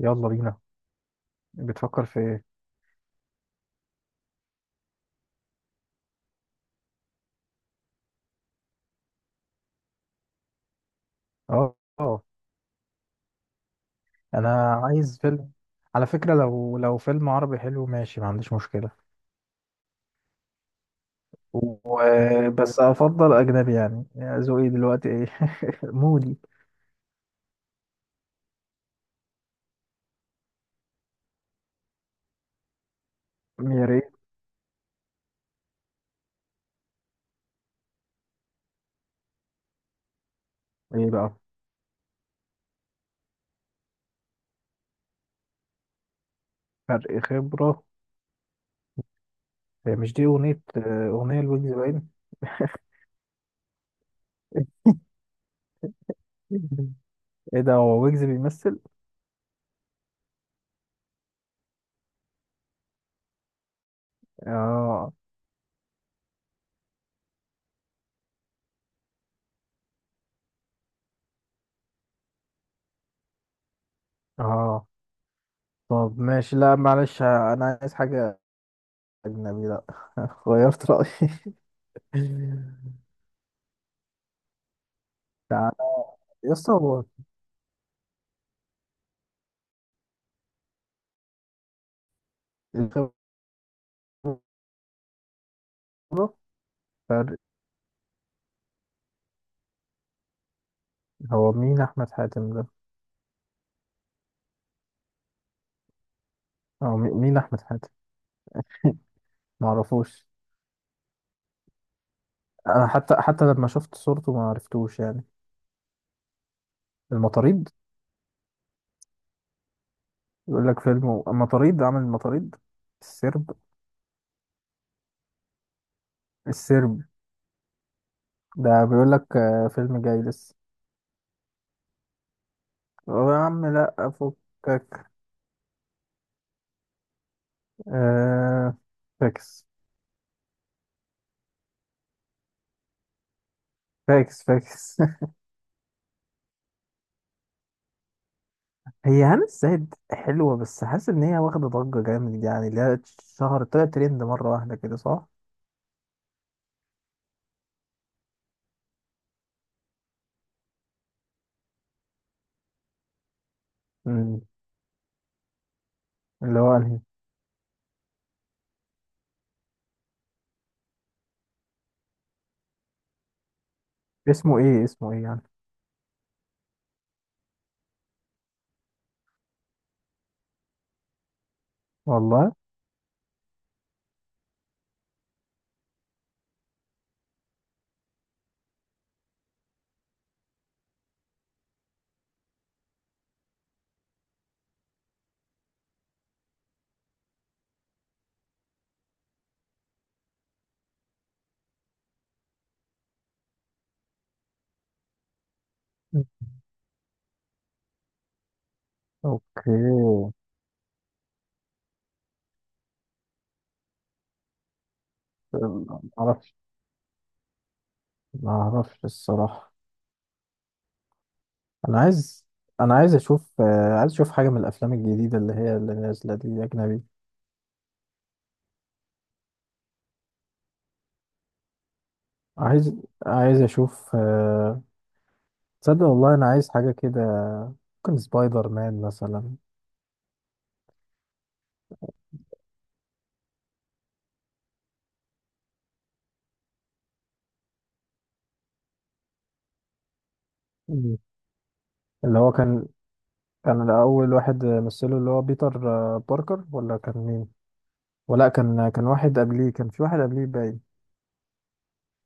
يلا بينا. بتفكر في ايه؟ اه، انا عايز فيلم. على فكرة لو فيلم عربي حلو ماشي، ما عنديش مشكلة. و... بس افضل اجنبي يعني. ذوقي دلوقتي ايه؟ مودي. يا ريت. ايه بقى؟ فرق خبرة. هي مش دي اغنية؟ اغنية الويجز باين. ايه ده، هو ويجز بيمثل؟ اه اه. طب ماشي، لا معلش انا عايز حاجة اجنبي، لا. غيرت رأيي. تعالى يا اسطى. هو الخبرة، فرق. هو مين أحمد حاتم ده؟ مين أحمد حاتم؟ معرفوش. أنا حتى لما شفت صورته ما عرفتوش يعني. المطاريد. يقول لك فيلم المطاريد، عامل المطاريد السرب. السرب ده، بيقول لك فيلم جاي لسه. هو يا عم لا أفكك. آه فاكس فاكس فاكس. هي هنا الزاهد حلوة، بس حاسس إن هي واخدة ضجة جامد، يعني اللي هي شهر طلعت ترند مرة واحدة كده، صح؟ مم. اللي هو أنهي؟ اسمه ايه، اسمه ايه يعني؟ والله. اوكي. ما اعرفش، ما اعرفش الصراحه. انا عايز انا عايز اشوف، عايز اشوف حاجه من الافلام الجديده اللي هي اللي نازله دي، اجنبي. عايز عايز اشوف، تصدق والله انا عايز حاجه كده. ممكن سبايدر مان مثلا. مم. اللي هو كان اول واحد مثله اللي هو بيتر، باركر، ولا كان مين؟ ولا كان واحد قبليه، كان في واحد قبليه باين.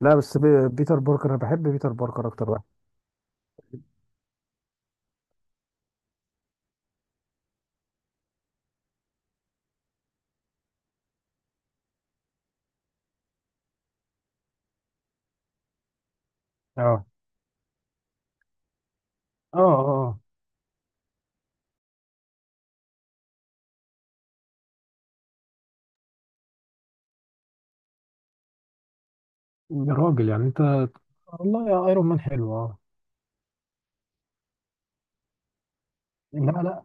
لا بس بيتر باركر، انا بحب بيتر باركر اكتر واحد. اه اه اه. يا راجل يعني انت، والله يا ايرون مان حلو اه. انما لا.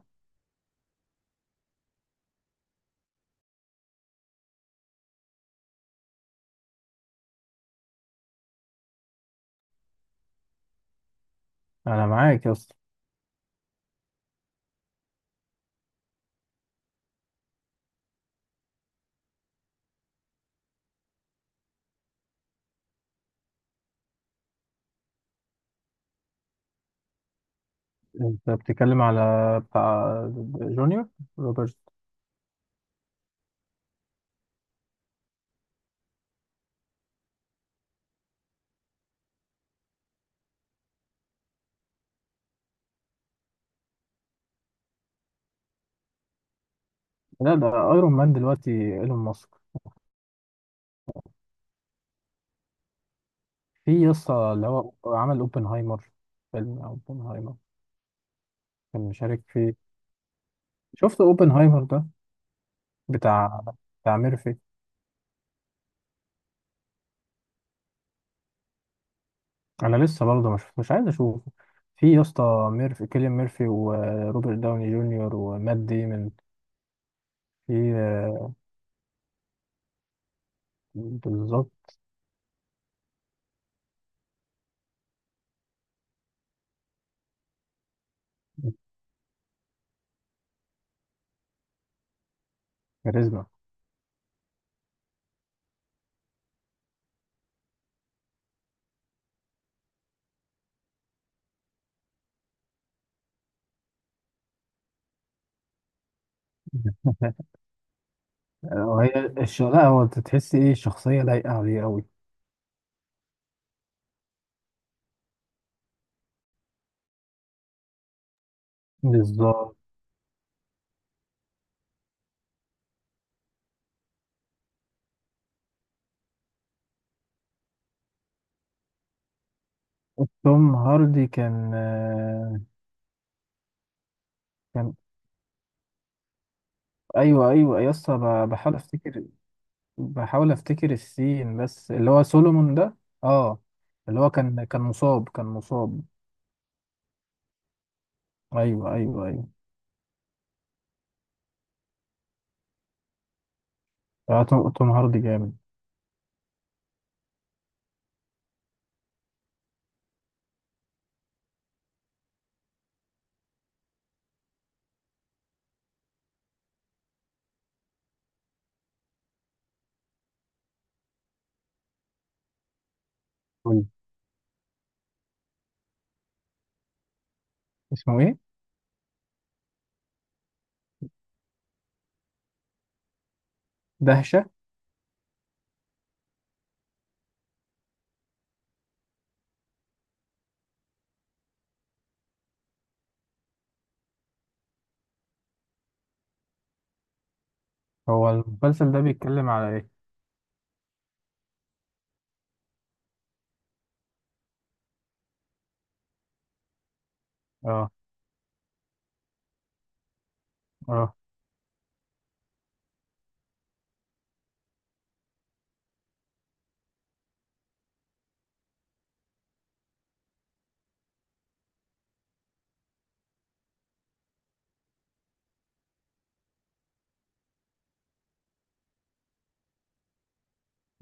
انا معاك يا اسطى. انت بتتكلم على بتاع جونيور، روبرت. لا ده ايرون مان دلوقتي ايلون ماسك. في يا اسطى اللي هو عمل اوبنهايمر. فيلم اوبنهايمر كان مشارك فيه. شفت اوبنهايمر ده بتاع، بتاع ميرفي. انا لسه برضه ما شفتوش، عايز اشوفه. في يا اسطى ميرفي، كيليان ميرفي وروبرت داوني جونيور ومات ديمون. في آه، بالظبط. كاريزما. وهي لا هو انت تحس ايه، شخصية لايقة عليه قوي. بالظبط. توم هاردي كان آه، كان. ايوه ايوه يا اسطى، بحاول افتكر، بحاول افتكر السين بس اللي هو سولومون ده. اه. اللي هو كان مصاب، كان مصاب. ايوه ايوه ايوه. آه، توم هاردي جامد. قول. اسمه ايه؟ دهشة. هو المسلسل ده بيتكلم على ايه؟ اه اه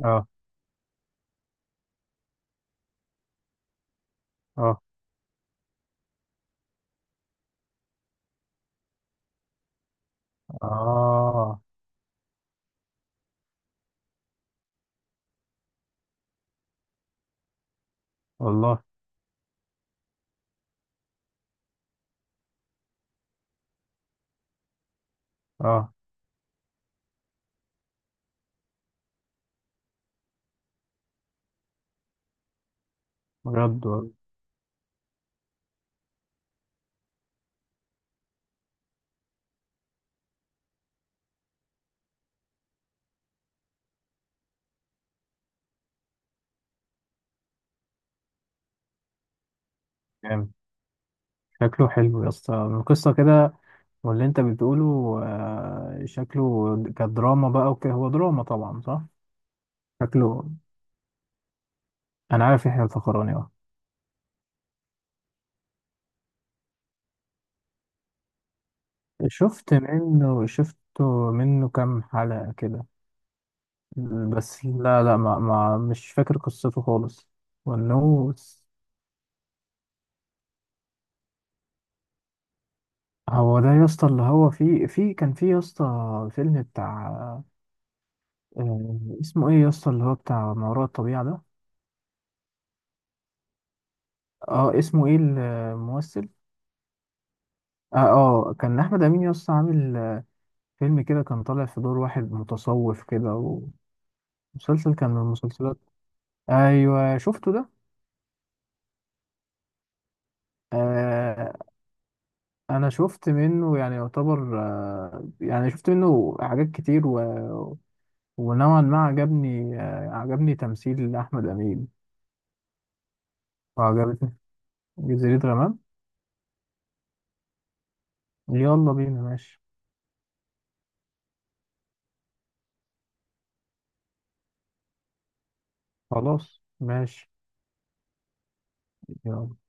اه اه اه. والله. اه. بجد والله. جامد. شكله حلو يا اسطى من القصة كده واللي انت بتقوله. آه، شكله كدراما بقى وكده، هو دراما طبعا صح. شكله. انا عارف يحيى الفخراني اه. شفت منه، شفته منه كام حلقة كده. بس لا لا ما مش فاكر قصته خالص وانه. هو ده يا اسطى اللي هو في كان في يا اسطى فيلم بتاع، اسمه ايه يا اسطى اللي هو بتاع ما وراء الطبيعة ده. اه اسمه ايه الممثل؟ اه آه، كان احمد امين يا اسطى عامل آه، فيلم كده كان طالع في دور واحد متصوف كده. ومسلسل كان من المسلسلات. ايوه شفته ده. آه انا شفت منه يعني يعتبر، آه يعني شفت منه حاجات كتير ونوعا ما عجبني، آه عجبني تمثيل احمد امين. وعجبتني جزيرة غمام. يلا بينا ماشي. خلاص ماشي. يلا